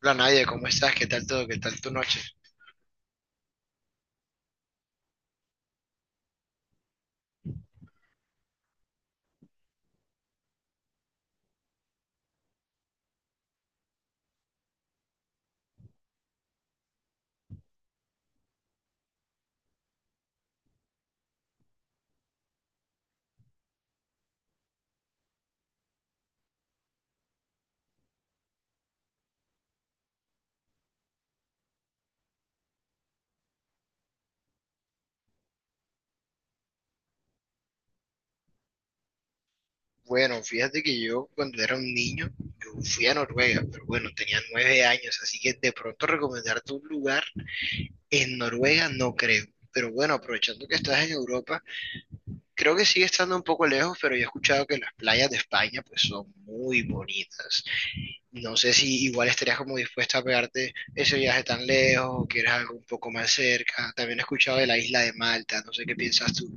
Hola Nadia, ¿cómo estás? ¿Qué tal todo? ¿Qué tal tu noche? Bueno, fíjate que yo cuando era un niño, yo fui a Noruega, pero bueno, tenía 9 años, así que de pronto recomendarte un lugar en Noruega no creo. Pero bueno, aprovechando que estás en Europa, creo que sigue estando un poco lejos, pero yo he escuchado que las playas de España pues son muy bonitas. No sé si igual estarías como dispuesta a pegarte ese viaje tan lejos o quieres algo un poco más cerca. También he escuchado de la isla de Malta, no sé qué piensas tú.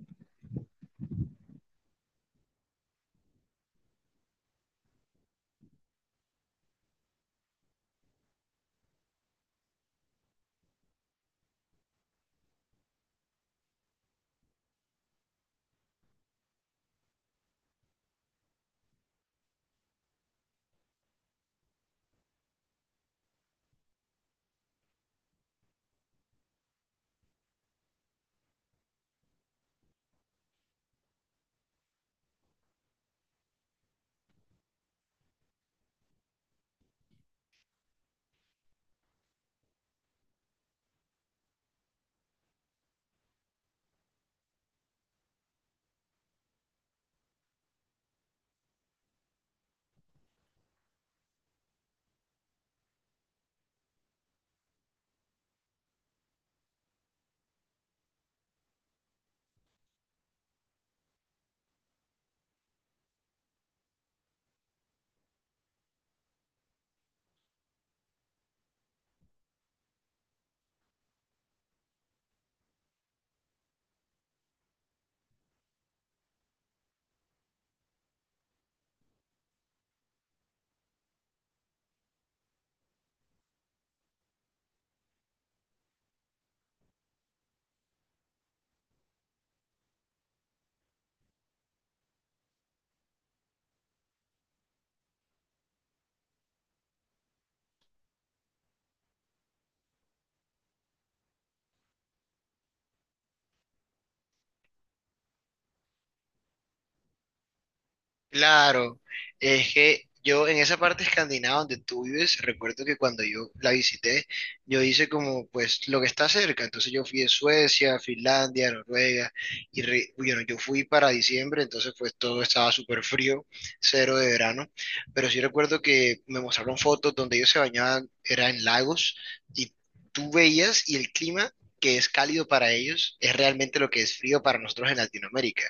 Claro, es que yo en esa parte escandinava donde tú vives, recuerdo que cuando yo la visité, yo hice como pues lo que está cerca, entonces yo fui a Suecia, Finlandia, Noruega, y bueno, yo fui para diciembre, entonces pues todo estaba súper frío, cero de verano, pero sí recuerdo que me mostraron fotos donde ellos se bañaban, era en lagos, y tú veías y el clima que es cálido para ellos es realmente lo que es frío para nosotros en Latinoamérica.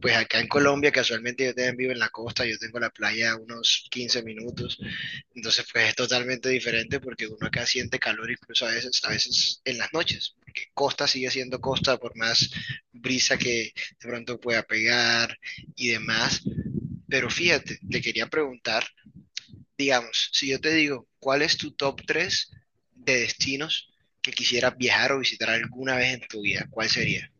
Pues acá en Colombia, casualmente yo también vivo en la costa, yo tengo la playa a unos 15 minutos, entonces pues es totalmente diferente porque uno acá siente calor incluso a veces en las noches, porque costa sigue siendo costa por más brisa que de pronto pueda pegar y demás. Pero fíjate, te quería preguntar, digamos, si yo te digo, ¿cuál es tu top 3 de destinos que quisieras viajar o visitar alguna vez en tu vida? ¿Cuál sería?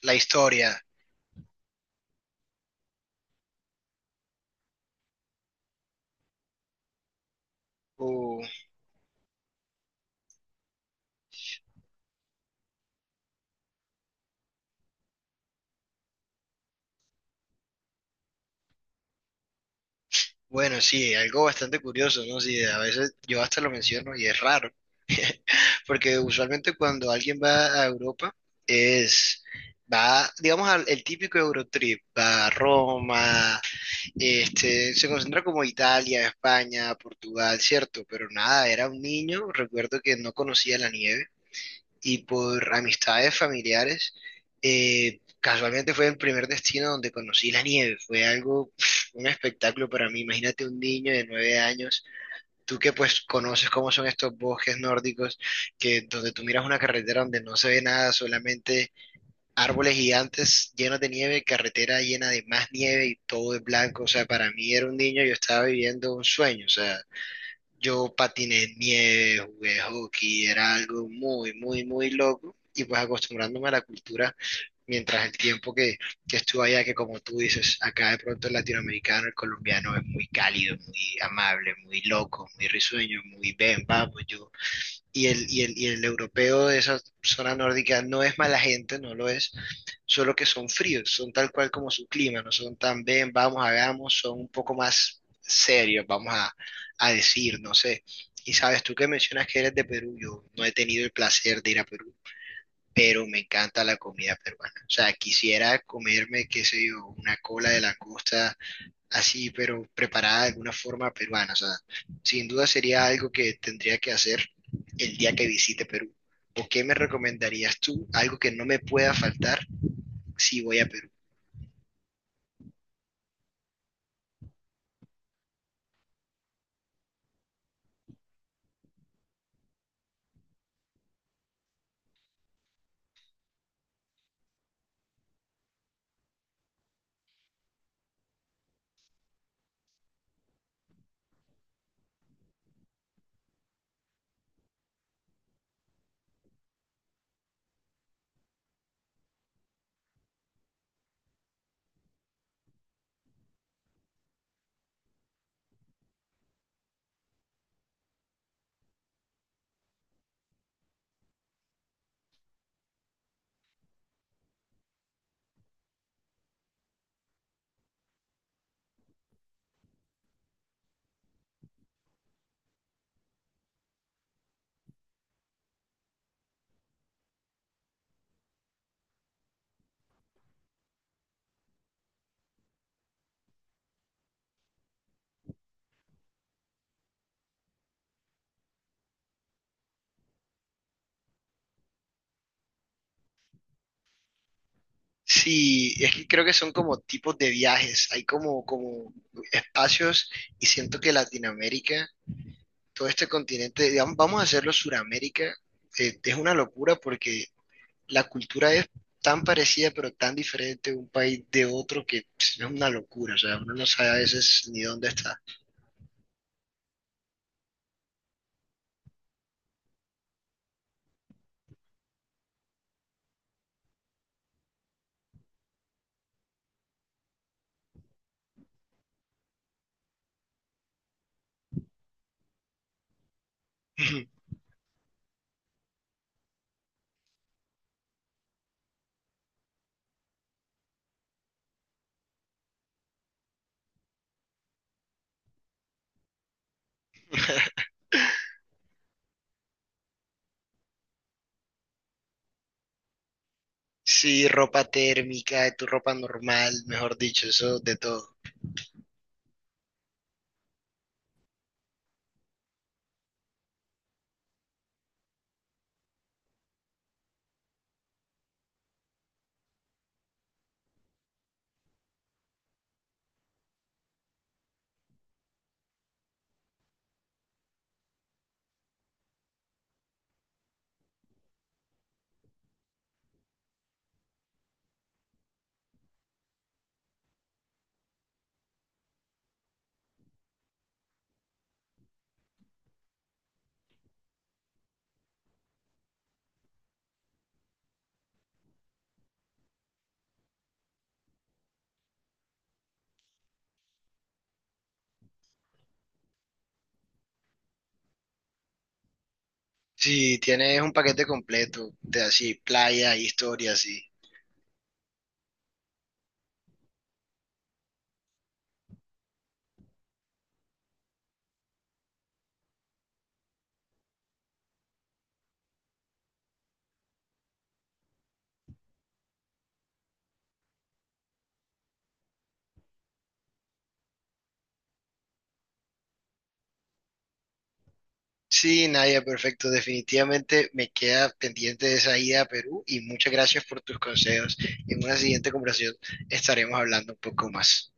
La historia. O... Bueno, sí, algo bastante curioso, ¿no? Sí, a veces yo hasta lo menciono y es raro, porque usualmente cuando alguien va a Europa es, va, digamos, al, el típico Eurotrip, va a Roma, este, se concentra como Italia, España, Portugal, ¿cierto? Pero nada, era un niño, recuerdo que no conocía la nieve y por amistades familiares, casualmente fue el primer destino donde conocí la nieve. Fue algo, pf, un espectáculo para mí. Imagínate un niño de 9 años, tú que pues conoces cómo son estos bosques nórdicos, que donde tú miras una carretera donde no se ve nada, solamente árboles gigantes llenos de nieve, carretera llena de más nieve y todo es blanco. O sea, para mí era un niño, yo estaba viviendo un sueño. O sea, yo patiné en nieve, jugué hockey, era algo muy, muy, muy loco. Y pues acostumbrándome a la cultura mientras el tiempo que estuve allá, que como tú dices, acá de pronto el latinoamericano, el colombiano es muy cálido, muy amable, muy loco, muy risueño, muy ven, vamos, yo y el europeo de esa zona nórdica no es mala gente, no lo es, solo que son fríos, son tal cual como su clima, no son tan ven, vamos, hagamos, son un poco más serios, a decir, no sé. Y sabes, tú que mencionas que eres de Perú, yo no he tenido el placer de ir a Perú, pero me encanta la comida peruana. O sea, quisiera comerme, qué sé yo, una cola de langosta así, pero preparada de alguna forma peruana. O sea, sin duda sería algo que tendría que hacer el día que visite Perú. ¿O qué me recomendarías tú? Algo que no me pueda faltar si voy a Perú. Sí, es que creo que son como tipos de viajes, hay como espacios y siento que Latinoamérica, todo este continente, digamos, vamos a hacerlo Suramérica, es una locura porque la cultura es tan parecida pero tan diferente de un país de otro que pss, es una locura, o sea, uno no sabe a veces ni dónde está. Sí, ropa térmica, tu ropa normal, mejor dicho, eso de todo. Sí, tienes un paquete completo de así, playa, historia, así. Sí, Nadia, perfecto. Definitivamente me queda pendiente de esa ida a Perú y muchas gracias por tus consejos. En una siguiente conversación estaremos hablando un poco más.